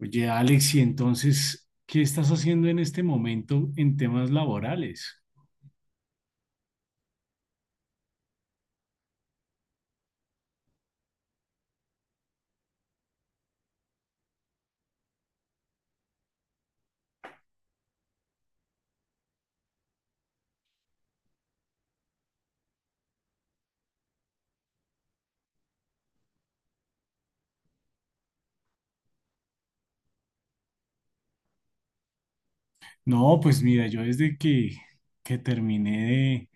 Oye, Alex, y entonces, ¿qué estás haciendo en este momento en temas laborales? No, pues mira, yo desde que, terminé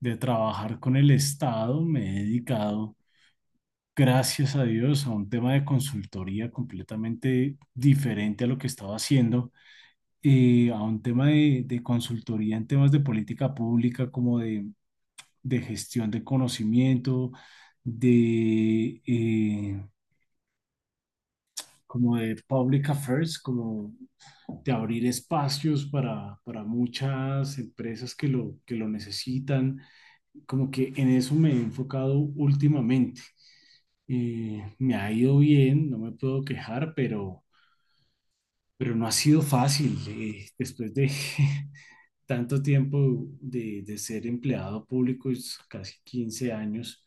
de trabajar con el Estado, me he dedicado, gracias a Dios, a un tema de consultoría completamente diferente a lo que estaba haciendo, a un tema de consultoría en temas de política pública, como de gestión de conocimiento, de... eh, como de public affairs, como de abrir espacios para muchas empresas que lo necesitan. Como que en eso me he enfocado últimamente. Me ha ido bien, no me puedo quejar, pero no ha sido fácil. Después de tanto tiempo de ser empleado público, es casi 15 años,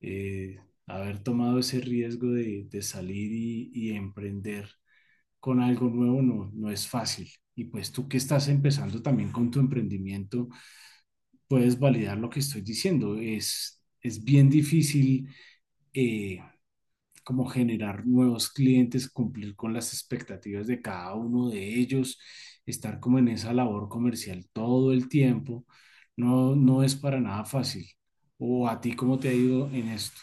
eh, haber tomado ese riesgo de salir y emprender con algo nuevo no es fácil. Y pues tú que estás empezando también con tu emprendimiento, puedes validar lo que estoy diciendo. Es bien difícil eh, como generar nuevos clientes, cumplir con las expectativas de cada uno de ellos, estar como en esa labor comercial todo el tiempo. No, no es para nada fácil. ¿O a ti cómo te ha ido en esto?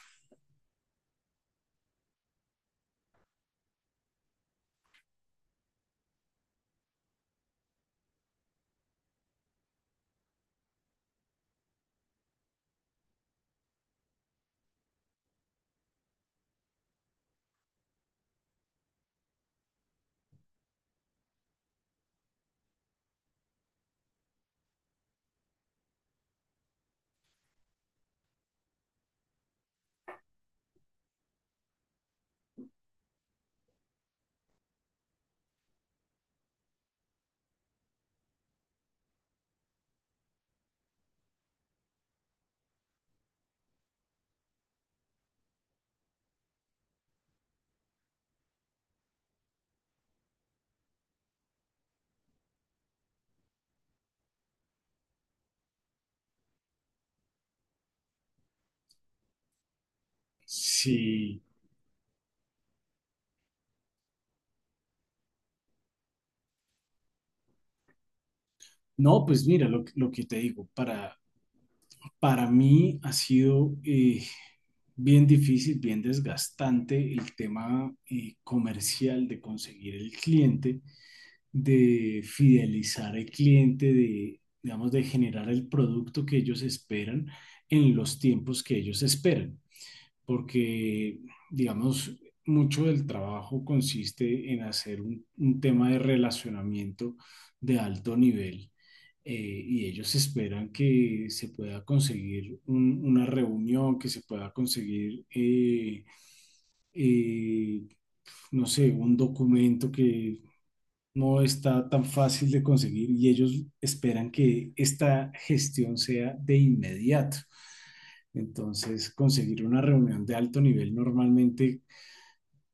Sí, no, pues mira, lo que te digo, para mí ha sido bien difícil, bien desgastante el tema comercial de conseguir el cliente, de fidelizar al cliente, de, digamos, de generar el producto que ellos esperan en los tiempos que ellos esperan, porque, digamos, mucho del trabajo consiste en hacer un tema de relacionamiento de alto nivel eh, y ellos esperan que se pueda conseguir una reunión, que se pueda conseguir, eh, no sé, un documento que no está tan fácil de conseguir y ellos esperan que esta gestión sea de inmediato. Entonces, conseguir una reunión de alto nivel normalmente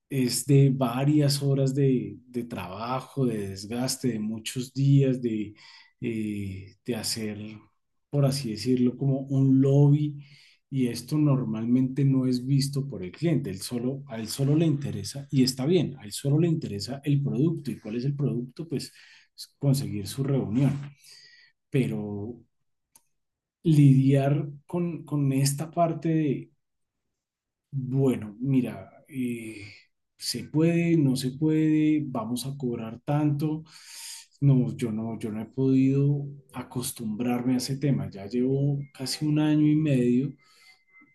es de varias horas de trabajo, de desgaste, de muchos días, de hacer, por así decirlo, como un lobby. Y esto normalmente no es visto por el cliente. Él solo, a él solo le interesa, y está bien, a él solo le interesa el producto. ¿Y cuál es el producto? Pues es conseguir su reunión. Pero lidiar con esta parte de bueno, mira, se puede, no se puede, vamos a cobrar tanto. No, yo no he podido acostumbrarme a ese tema. Ya llevo casi un año y medio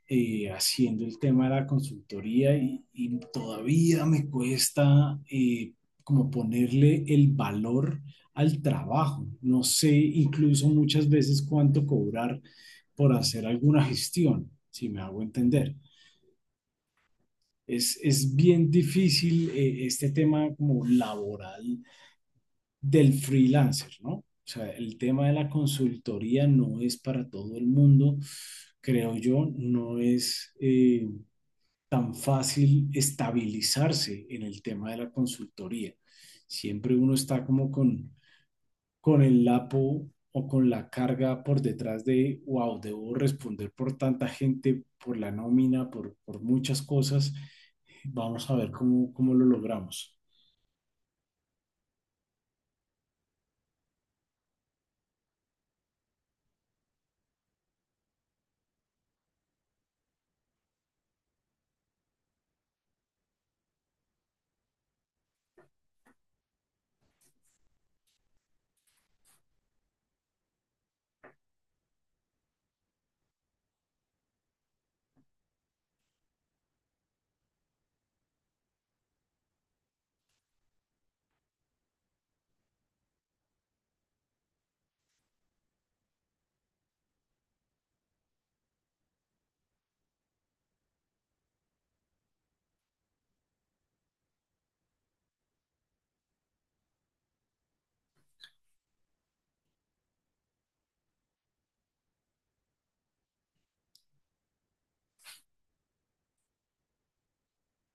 haciendo el tema de la consultoría y todavía me cuesta como ponerle el valor al trabajo. No sé incluso muchas veces cuánto cobrar por hacer alguna gestión, si me hago entender. Es bien difícil este tema como laboral del freelancer, ¿no? O sea, el tema de la consultoría no es para todo el mundo, creo yo, no es tan fácil estabilizarse en el tema de la consultoría. Siempre uno está como con el lapo o con la carga por detrás de, wow, debo responder por tanta gente, por la nómina, por muchas cosas. Vamos a ver cómo, cómo lo logramos.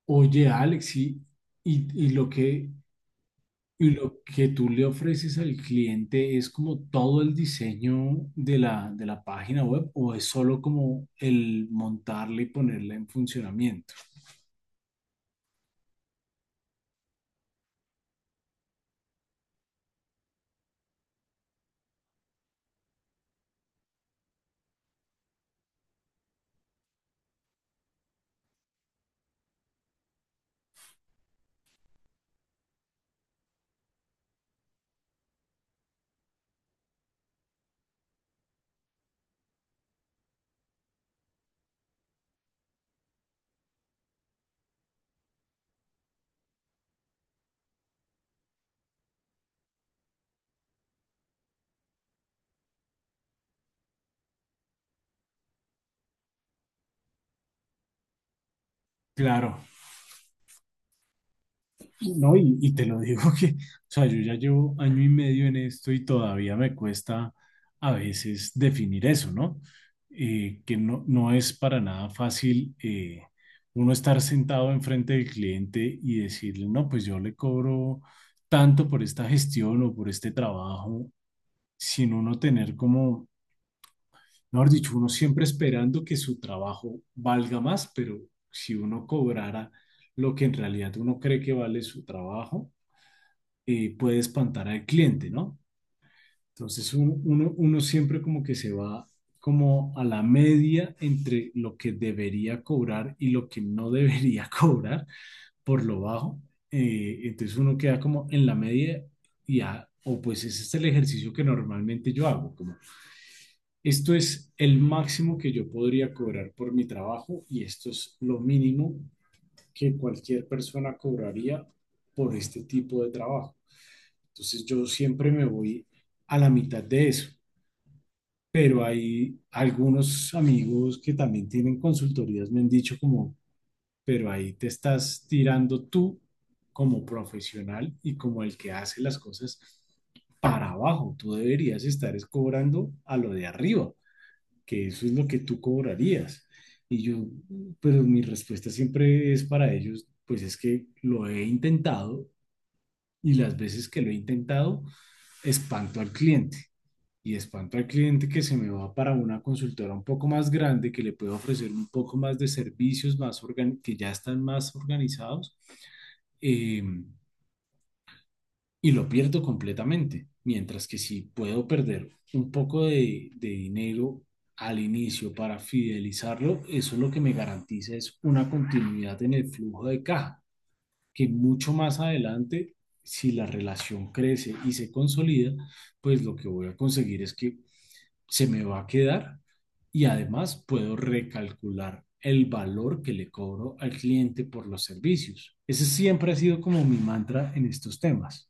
Oye, Alex, y- y lo que, y lo que tú le ofreces al cliente es como todo el diseño de la página web o es solo como el montarla y ponerla en funcionamiento. Claro, no, y te lo digo que, o sea, yo ya llevo año y medio en esto y todavía me cuesta a veces definir eso, ¿no? Que no, no es para nada fácil uno estar sentado enfrente del cliente y decirle, no, pues yo le cobro tanto por esta gestión o por este trabajo, sin uno tener como, mejor dicho, uno siempre esperando que su trabajo valga más, pero si uno cobrara lo que en realidad uno cree que vale su trabajo puede espantar al cliente, ¿no? Entonces uno siempre como que se va como a la media entre lo que debería cobrar y lo que no debería cobrar por lo bajo. Entonces uno queda como en la media y ya, o pues ese es el ejercicio que normalmente yo hago, como esto es el máximo que yo podría cobrar por mi trabajo y esto es lo mínimo que cualquier persona cobraría por este tipo de trabajo. Entonces yo siempre me voy a la mitad de eso. Pero hay algunos amigos que también tienen consultorías, me han dicho como, pero ahí te estás tirando tú como profesional y como el que hace las cosas para abajo. Tú deberías estar es cobrando a lo de arriba, que eso es lo que tú cobrarías. Y yo, pero mi respuesta siempre es para ellos, pues es que lo he intentado y las veces que lo he intentado, espanto al cliente. Y espanto al cliente que se me va para una consultora un poco más grande, que le puede ofrecer un poco más de servicios, que ya están más organizados, eh, y lo pierdo completamente. Mientras que si puedo perder un poco de dinero al inicio para fidelizarlo, eso lo que me garantiza es una continuidad en el flujo de caja que mucho más adelante, si la relación crece y se consolida, pues lo que voy a conseguir es que se me va a quedar y además puedo recalcular el valor que le cobro al cliente por los servicios. Ese siempre ha sido como mi mantra en estos temas.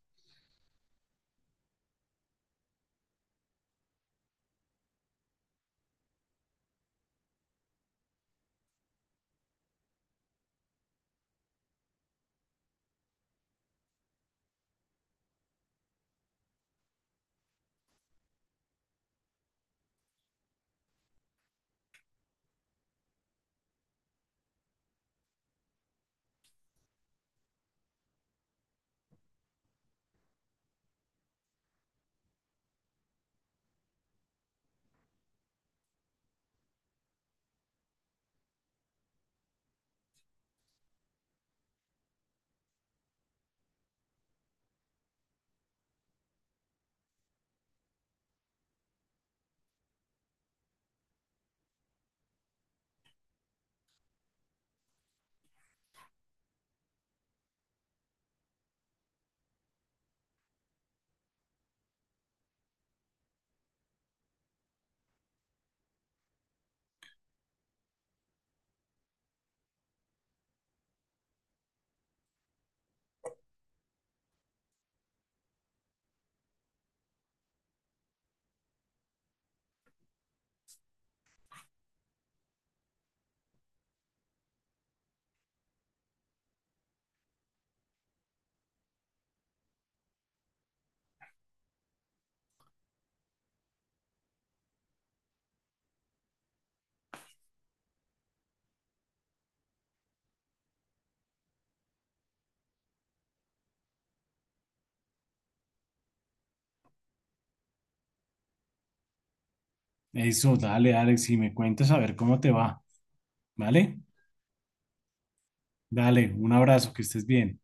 Eso, dale, Alex, y me cuentas a ver cómo te va, ¿vale? Dale, un abrazo, que estés bien.